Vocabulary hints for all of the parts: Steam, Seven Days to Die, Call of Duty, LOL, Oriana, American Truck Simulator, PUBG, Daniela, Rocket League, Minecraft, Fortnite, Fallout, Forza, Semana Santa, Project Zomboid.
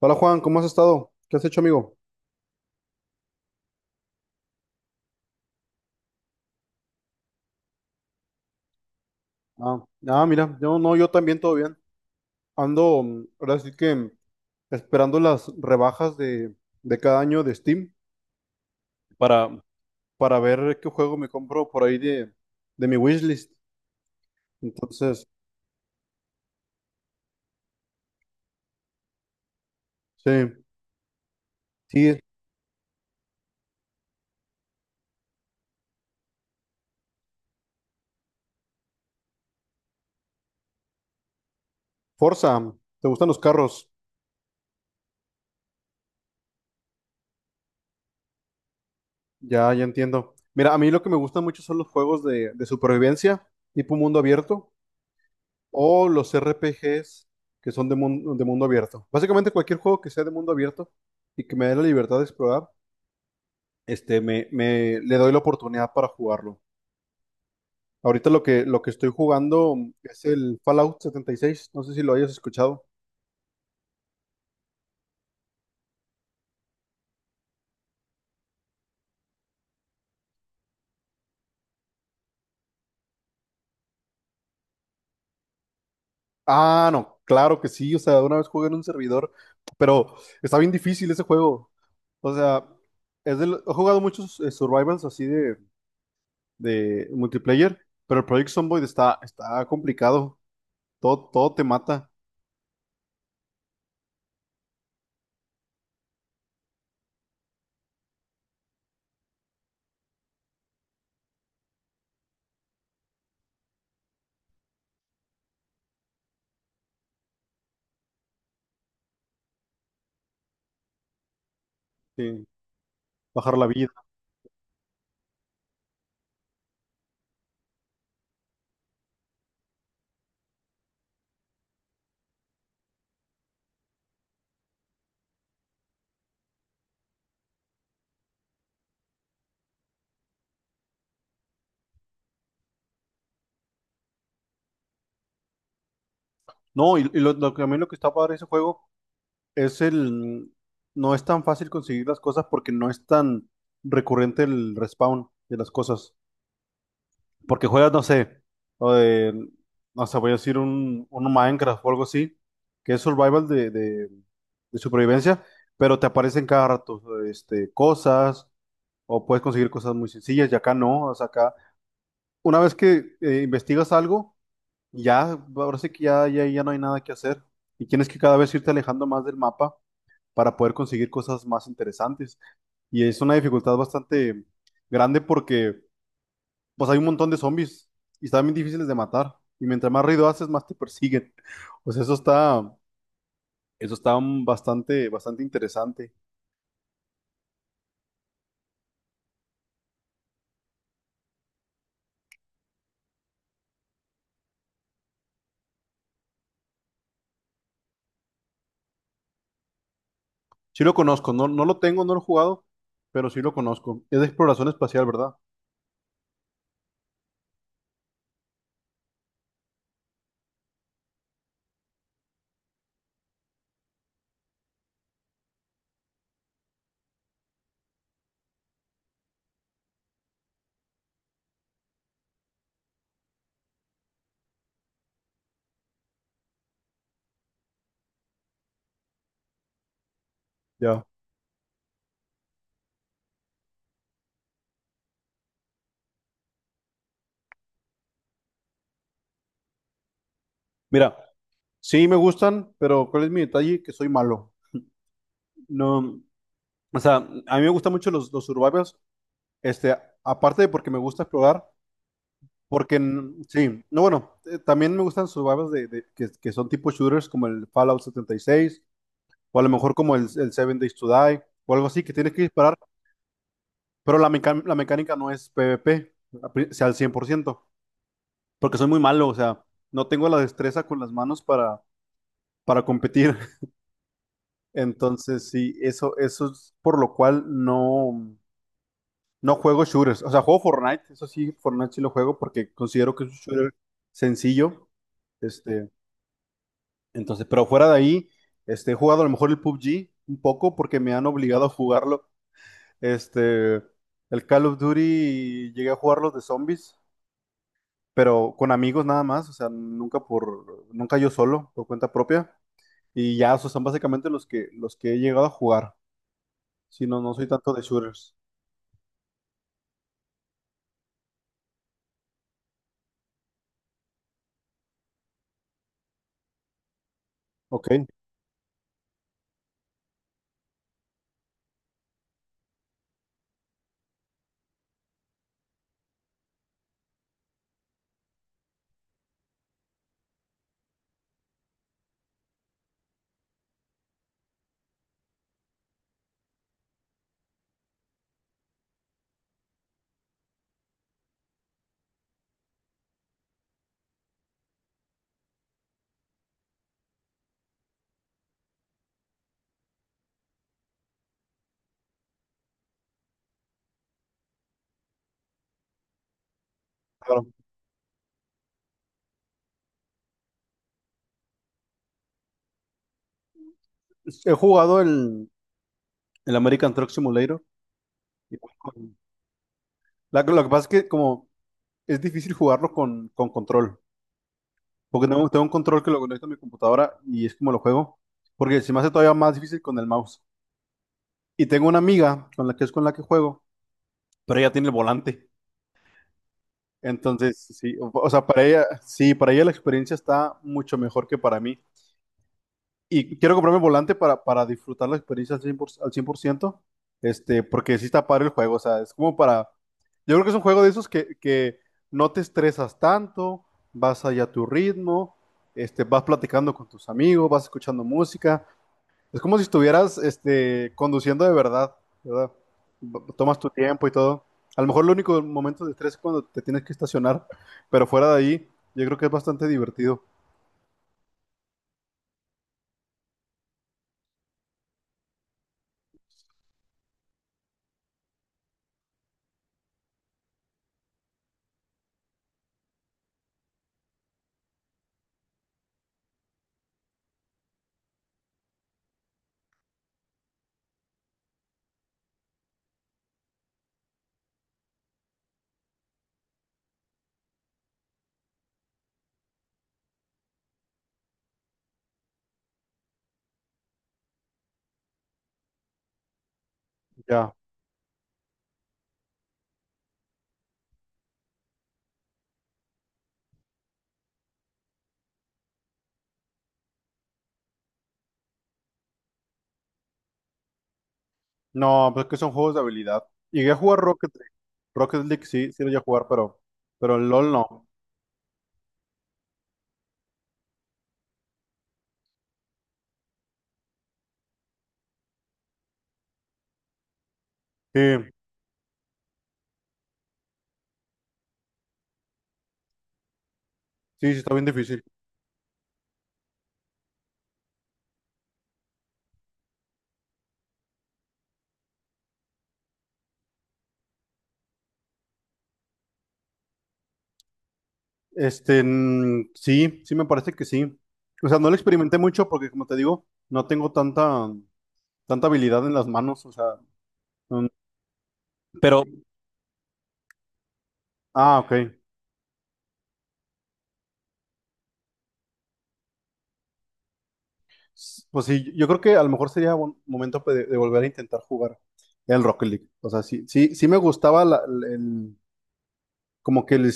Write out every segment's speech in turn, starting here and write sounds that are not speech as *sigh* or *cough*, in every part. Hola Juan, ¿cómo has estado? ¿Qué has hecho, amigo? Mira, yo no, yo también todo bien. Ando, ahora sí que esperando las rebajas de cada año de Steam para, para ver qué juego me compro por ahí de mi wishlist. Entonces, sí, sí, Forza, ¿te gustan los carros? Ya, ya entiendo. Mira, a mí lo que me gustan mucho son los juegos de supervivencia, tipo mundo abierto. O los RPGs que son de mundo abierto. Básicamente cualquier juego que sea de mundo abierto y que me dé la libertad de explorar, este, le doy la oportunidad para jugarlo. Ahorita lo que estoy jugando es el Fallout 76, no sé si lo hayas escuchado. Ah, no, claro que sí, o sea, una vez jugué en un servidor, pero está bien difícil ese juego. O sea, he jugado muchos survivals de multiplayer, pero el Project Zomboid está, está complicado. Todo te mata, eh, bajar la vida. No, y lo que a mí lo que está padre de ese juego es el... No es tan fácil conseguir las cosas porque no es tan recurrente el respawn de las cosas. Porque juegas, no sé, o de- no sé, voy a decir un Minecraft o algo así, que es survival de supervivencia, pero te aparecen cada rato, este, cosas, o puedes conseguir cosas muy sencillas, y acá no, o sea, acá... Una vez que investigas algo. Ya, ahora sí que ya, ya, ya no hay nada que hacer. Y tienes que cada vez irte alejando más del mapa para poder conseguir cosas más interesantes. Y es una dificultad bastante grande porque pues hay un montón de zombies y están bien difíciles de matar. Y mientras más ruido haces, más te persiguen. *laughs* Pues eso está bastante, bastante interesante. Sí lo conozco, no, no lo tengo, no lo he jugado, pero sí lo conozco. Es de exploración espacial, ¿verdad? Ya. Mira, sí me gustan, pero ¿cuál es mi detalle? Que soy malo. No. O sea, a mí me gustan mucho los survivals, este, aparte de porque me gusta explorar, porque mm, sí, no, bueno, también me gustan survivals que son tipo shooters como el Fallout 76 o a lo mejor como el Seven Days to Die, o algo así, que tienes que disparar, pero la mecánica no es PvP, o sea, al 100%, porque soy muy malo, o sea, no tengo la destreza con las manos para competir. *laughs* Entonces, sí, eso es por lo cual no. No juego shooters, o sea, juego Fortnite, eso sí, Fortnite sí lo juego porque considero que es un shooter sencillo, este, entonces, pero fuera de ahí, este, he jugado a lo mejor el PUBG un poco porque me han obligado a jugarlo, este, el Call of Duty llegué a jugar los de zombies, pero con amigos nada más, o sea, nunca yo solo, por cuenta propia, y ya, esos son básicamente los que he llegado a jugar, si no, no soy tanto de shooters, ok, claro. He jugado el American Truck Simulator. Igual con- lo que pasa es que como es difícil jugarlo con control, porque tengo un control que lo conecto a mi computadora y es como lo juego, porque se me hace todavía más difícil con el mouse. Y tengo una amiga con la que es con la que juego, pero ella tiene el volante. Entonces, sí, o sea, para ella, sí, para ella la experiencia está mucho mejor que para mí. Y quiero comprarme el volante para disfrutar la experiencia al 100%, al 100%, este, porque sí está padre el juego, o sea, es como para... Yo creo que es un juego de esos que no te estresas tanto, vas allá a tu ritmo, este, vas platicando con tus amigos, vas escuchando música. Es como si estuvieras este, conduciendo de verdad, ¿verdad? Tomas tu tiempo y todo. A lo mejor el único momento de estrés es cuando te tienes que estacionar, pero fuera de ahí, yo creo que es bastante divertido. Ya. No, pues es que son juegos de habilidad. Llegué a jugar Rocket League. Rocket League sí, sí lo llegué a jugar, pero el LOL no. Sí, sí, sí está bien difícil. Este, mm, sí, sí me parece que sí. O sea, no lo experimenté mucho porque, como te digo, no tengo tanta, tanta habilidad en las manos. O sea, mm, pero, ah, ok. Pues sí, yo creo que a lo mejor sería buen momento volver a intentar jugar el Rocket League. O sea, sí, sí, sí me gustaba como que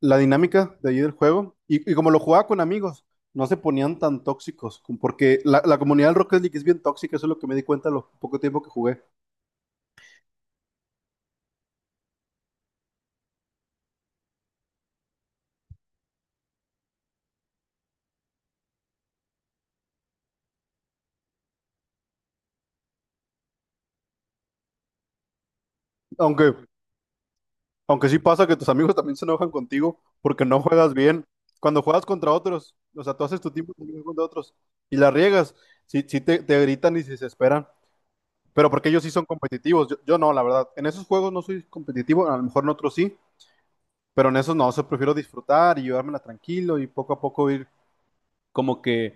la dinámica de ahí del juego. Y como lo jugaba con amigos, no se ponían tan tóxicos, porque la comunidad del Rocket League es bien tóxica, eso es lo que me di cuenta lo poco tiempo que jugué. Aunque, aunque sí pasa que tus amigos también se enojan contigo porque no juegas bien. Cuando juegas contra otros, o sea, tú haces tu tiempo también contra otros y la riegas, sí, te gritan y se desesperan. Pero porque ellos sí son competitivos, yo no, la verdad. En esos juegos no soy competitivo, a lo mejor en otros sí, pero en esos no, o sea, prefiero disfrutar y llevármela tranquilo y poco a poco ir como que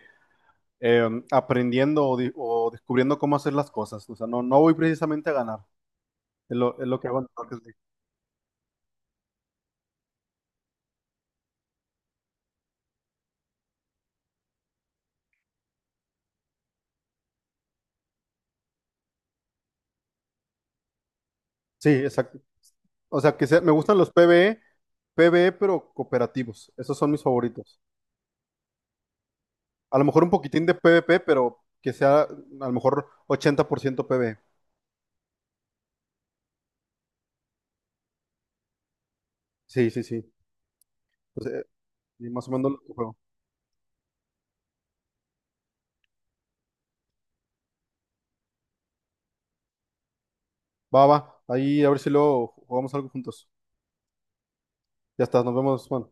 eh, aprendiendo o, o descubriendo cómo hacer las cosas. O sea, no, no voy precisamente a ganar. Es lo que hago en Rocket League. Sí, sí, exacto. O sea, me gustan los PvE, PvE, pero cooperativos. Esos son mis favoritos. A lo mejor un poquitín de PvP, pero que sea a lo mejor 80% PvE. Sí, sí, sí. Pues, y más o menos lo que juego. Va, va. Ahí a ver si luego jugamos algo juntos. Ya está, nos vemos, Juan.